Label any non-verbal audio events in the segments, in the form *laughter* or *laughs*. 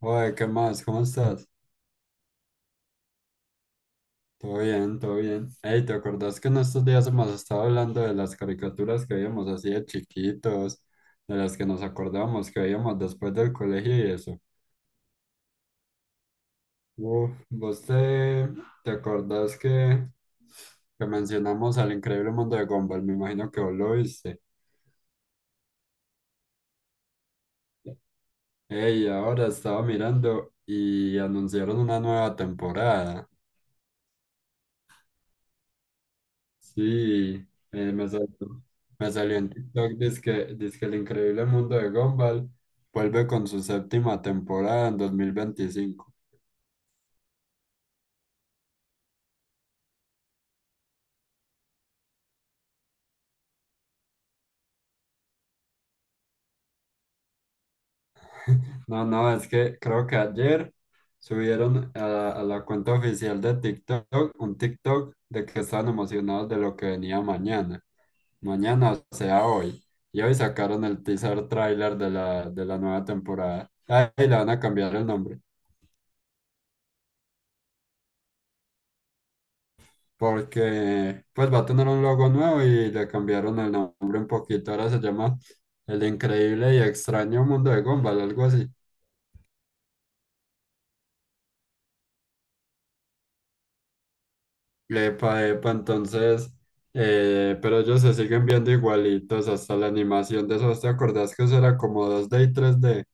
Oye, ¿qué más? ¿Cómo estás? Todo bien, todo bien. Hey, ¿te acordás que en estos días hemos estado hablando de las caricaturas que veíamos así de chiquitos, de las que nos acordamos que veíamos después del colegio y eso? Uf, ¿vos te acordás que mencionamos al Increíble Mundo de Gumball? Me imagino que vos lo viste. Hey, ahora estaba mirando y anunciaron una nueva temporada. Sí, eh, me salió, me salió en TikTok, dizque, que El Increíble Mundo de Gumball vuelve con su séptima temporada en 2025. *laughs* No, no, es que creo que ayer subieron a la cuenta oficial de TikTok un TikTok de que estaban emocionados de lo que venía mañana. Mañana, o sea, hoy. Y hoy sacaron el teaser trailer de la nueva temporada. Ahí le van a cambiar el nombre. Porque pues va a tener un logo nuevo y le cambiaron el nombre un poquito, ahora se llama El Increíble y Extraño Mundo de Gumball, algo así. Epa, epa, entonces, pero ellos se siguen viendo igualitos hasta la animación de esos. ¿Te acordás que eso era como 2D y 3D?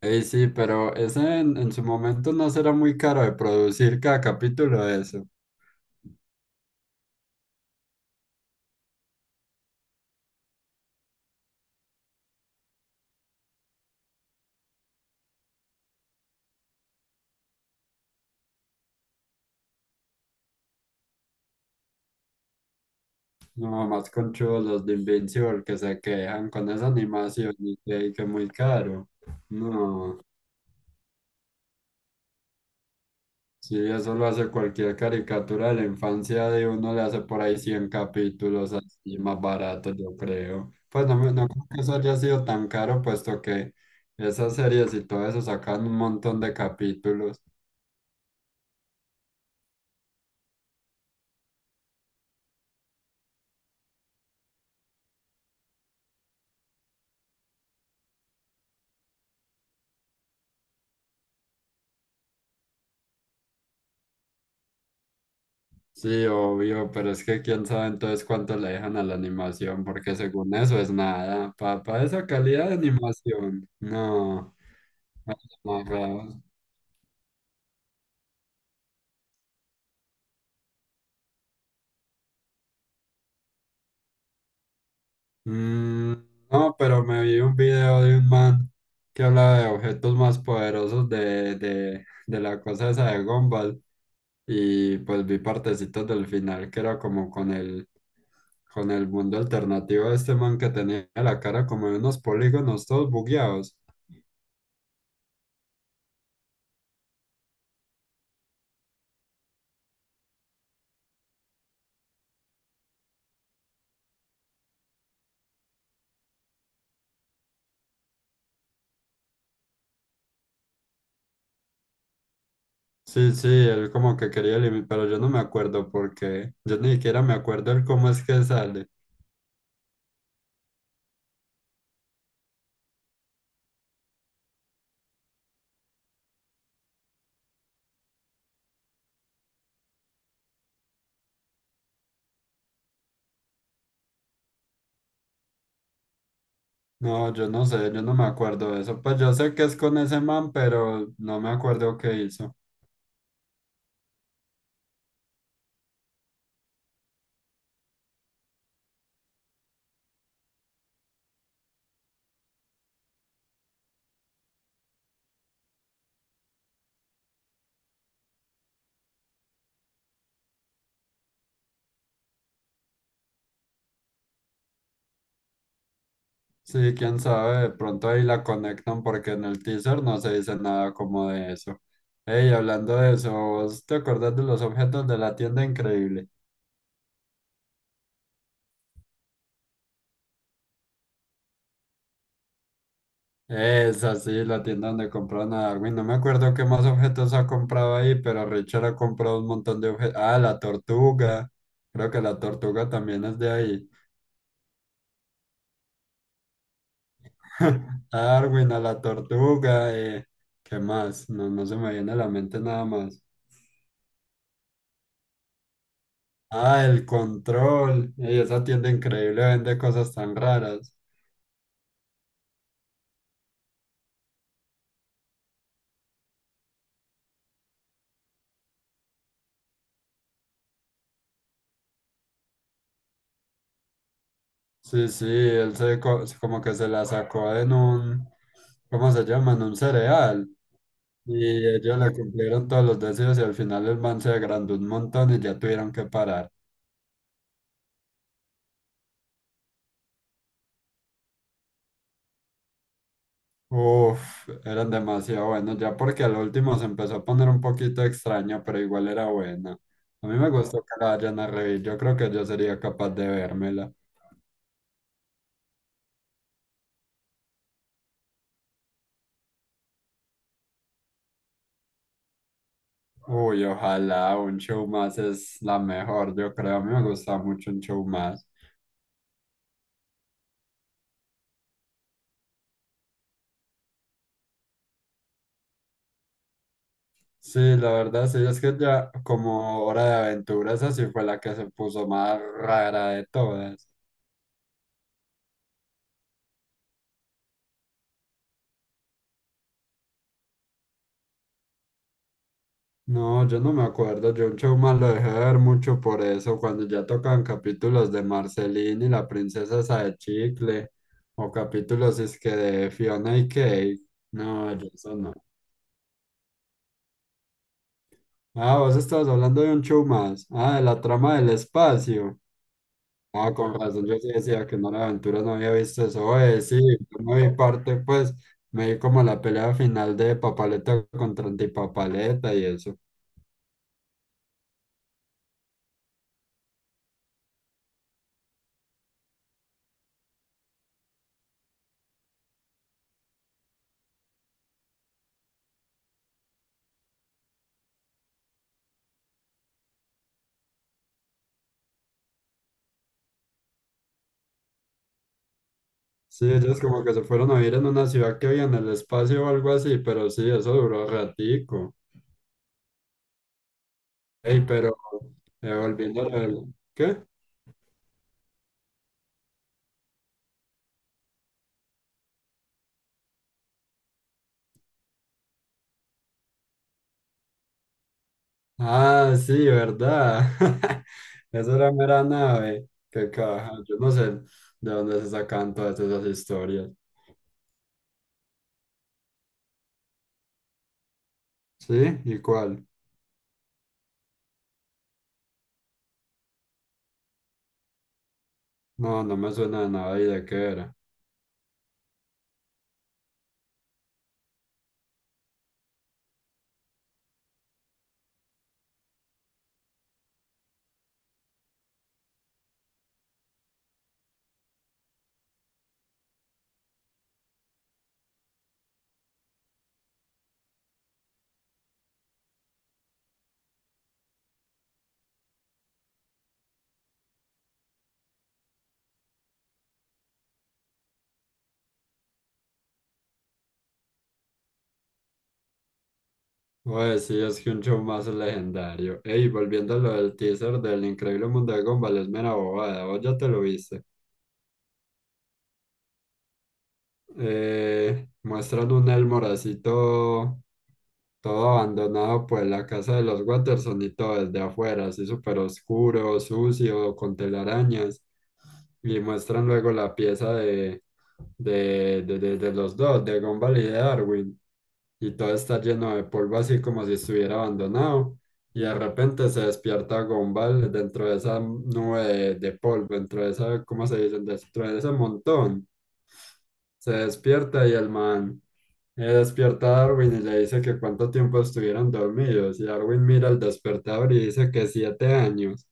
Ey, sí, pero ese en su momento no será muy caro de producir cada capítulo de eso. No, más conchudos los de Invincible que se quejan con esa animación y que muy caro. No. Sí, eso lo hace cualquier caricatura de la infancia de uno, le hace por ahí 100 capítulos así más barato, yo creo. Pues no, no creo que eso haya sido tan caro, puesto que esas series y todo eso sacan un montón de capítulos. Sí, obvio, pero es que quién sabe entonces cuánto le dejan a la animación, porque según eso es nada. Para esa calidad de animación, no, no. Mm, no, pero me vi un video de un man que hablaba de objetos más poderosos de la cosa esa de Gumball y pues vi partecitos del final que era como con el mundo alternativo de este man que tenía la cara como de unos polígonos todos bugueados. Sí, sí, él como que quería eliminar, pero yo no me acuerdo porque yo ni siquiera me acuerdo el cómo es que sale. No, yo no sé, yo no me acuerdo de eso. Pues yo sé que es con ese man, pero no me acuerdo qué hizo. Sí, quién sabe, de pronto ahí la conectan porque en el teaser no se dice nada como de eso. Ey, hablando de eso, ¿vos te acordás de los objetos de la tienda increíble? Esa sí, la tienda donde compraron a Darwin. No me acuerdo qué más objetos ha comprado ahí, pero Richard ha comprado un montón de objetos. Ah, la tortuga. Creo que la tortuga también es de ahí. *laughs* A Darwin, a la tortuga, ¿qué más? No, no se me viene a la mente nada más. Ah, el control. Ey, esa tienda increíble vende cosas tan raras. Sí, sí, él se como que se la sacó en un, ¿cómo se llama? En un cereal. Y ellos le cumplieron todos los deseos y al final el man se agrandó un montón y ya tuvieron que parar. Uf, eran demasiado buenos, ya porque al último se empezó a poner un poquito extraño, pero igual era buena. A mí me gustó que la hayan a reír, yo creo que yo sería capaz de vérmela. Uy, ojalá, un show más es la mejor, yo creo, a mí me gusta mucho un show más. Sí, la verdad, sí, es que ya como Hora de Aventura, esa sí fue la que se puso más rara de todas. No, yo no me acuerdo. Yo un show más lo dejé de ver mucho por eso, cuando ya tocaban capítulos de Marceline y la princesa esa de chicle, o capítulos es que de Fiona y Cake. No, yo eso no. Ah, vos estabas hablando de un show más. Ah, de la trama del espacio. Ah, con razón, yo sí decía que no era aventura, no había visto eso. Oye, sí, yo no vi parte, pues, me vi como la pelea final de Papaleta contra Antipapaleta y eso. Sí, ellos como que se fueron a vivir en una ciudad que había en el espacio o algo así, pero sí, eso duró ratico. Ey, pero volviendo al... ¿Qué? Ah, sí, ¿verdad? *laughs* Eso era mera nave. Qué caja. Yo no sé de dónde se sacan todas esas historias. ¿Sí? ¿Y cuál? No, no me suena de nada y de qué era. Pues sí, es que un show más legendario. Ey, volviendo a lo del teaser del Increíble Mundo de Gumball, es mera bobada. ¿Vos ya te lo viste? Muestran un Elmoracito todo abandonado, pues la casa de los Watterson y todo desde afuera, así súper oscuro, sucio, con telarañas. Y muestran luego la pieza de los dos, de Gumball y de Darwin. Y todo está lleno de polvo, así como si estuviera abandonado. Y de repente se despierta Gumball dentro de esa nube de polvo, dentro de esa, ¿cómo se dice? Dentro de ese montón. Se despierta y el man despierta a Darwin y le dice que cuánto tiempo estuvieron dormidos. Y Darwin mira el despertador y dice que 7 años.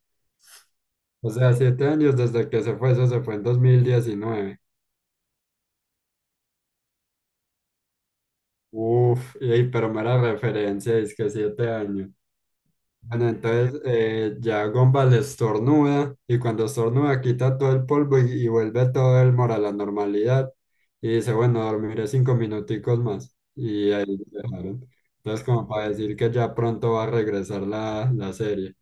O sea, 7 años desde que se fue, eso se fue en 2019. Uf, y, pero mera referencia, es que 7 años. Bueno, entonces ya Gumball estornuda y cuando estornuda quita todo el polvo y vuelve todo el moro a la normalidad y dice, bueno, dormiré 5 minuticos más y ahí lo dejaron. Entonces como para decir que ya pronto va a regresar la serie.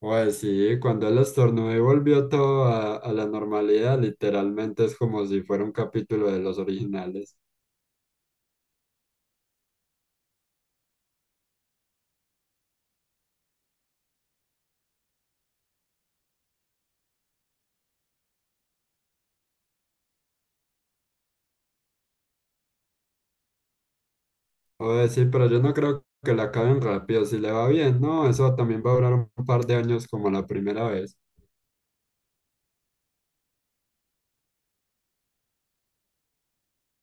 Pues sí, cuando él estornudó y volvió todo a la normalidad, literalmente es como si fuera un capítulo de los originales. Pues sí, pero yo no creo que la acaben rápido, si le va bien, no, eso también va a durar un par de años como la primera vez.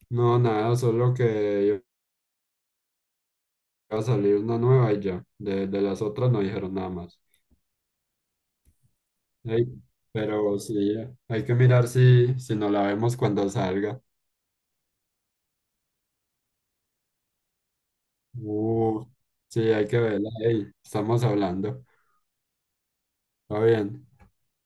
No, nada, solo que iba a salir una nueva y ya. De las otras no dijeron nada más. Ey, pero sí, hay que mirar si no la vemos cuando salga. Uh, sí, hay que verla. Ey, estamos hablando. Está bien.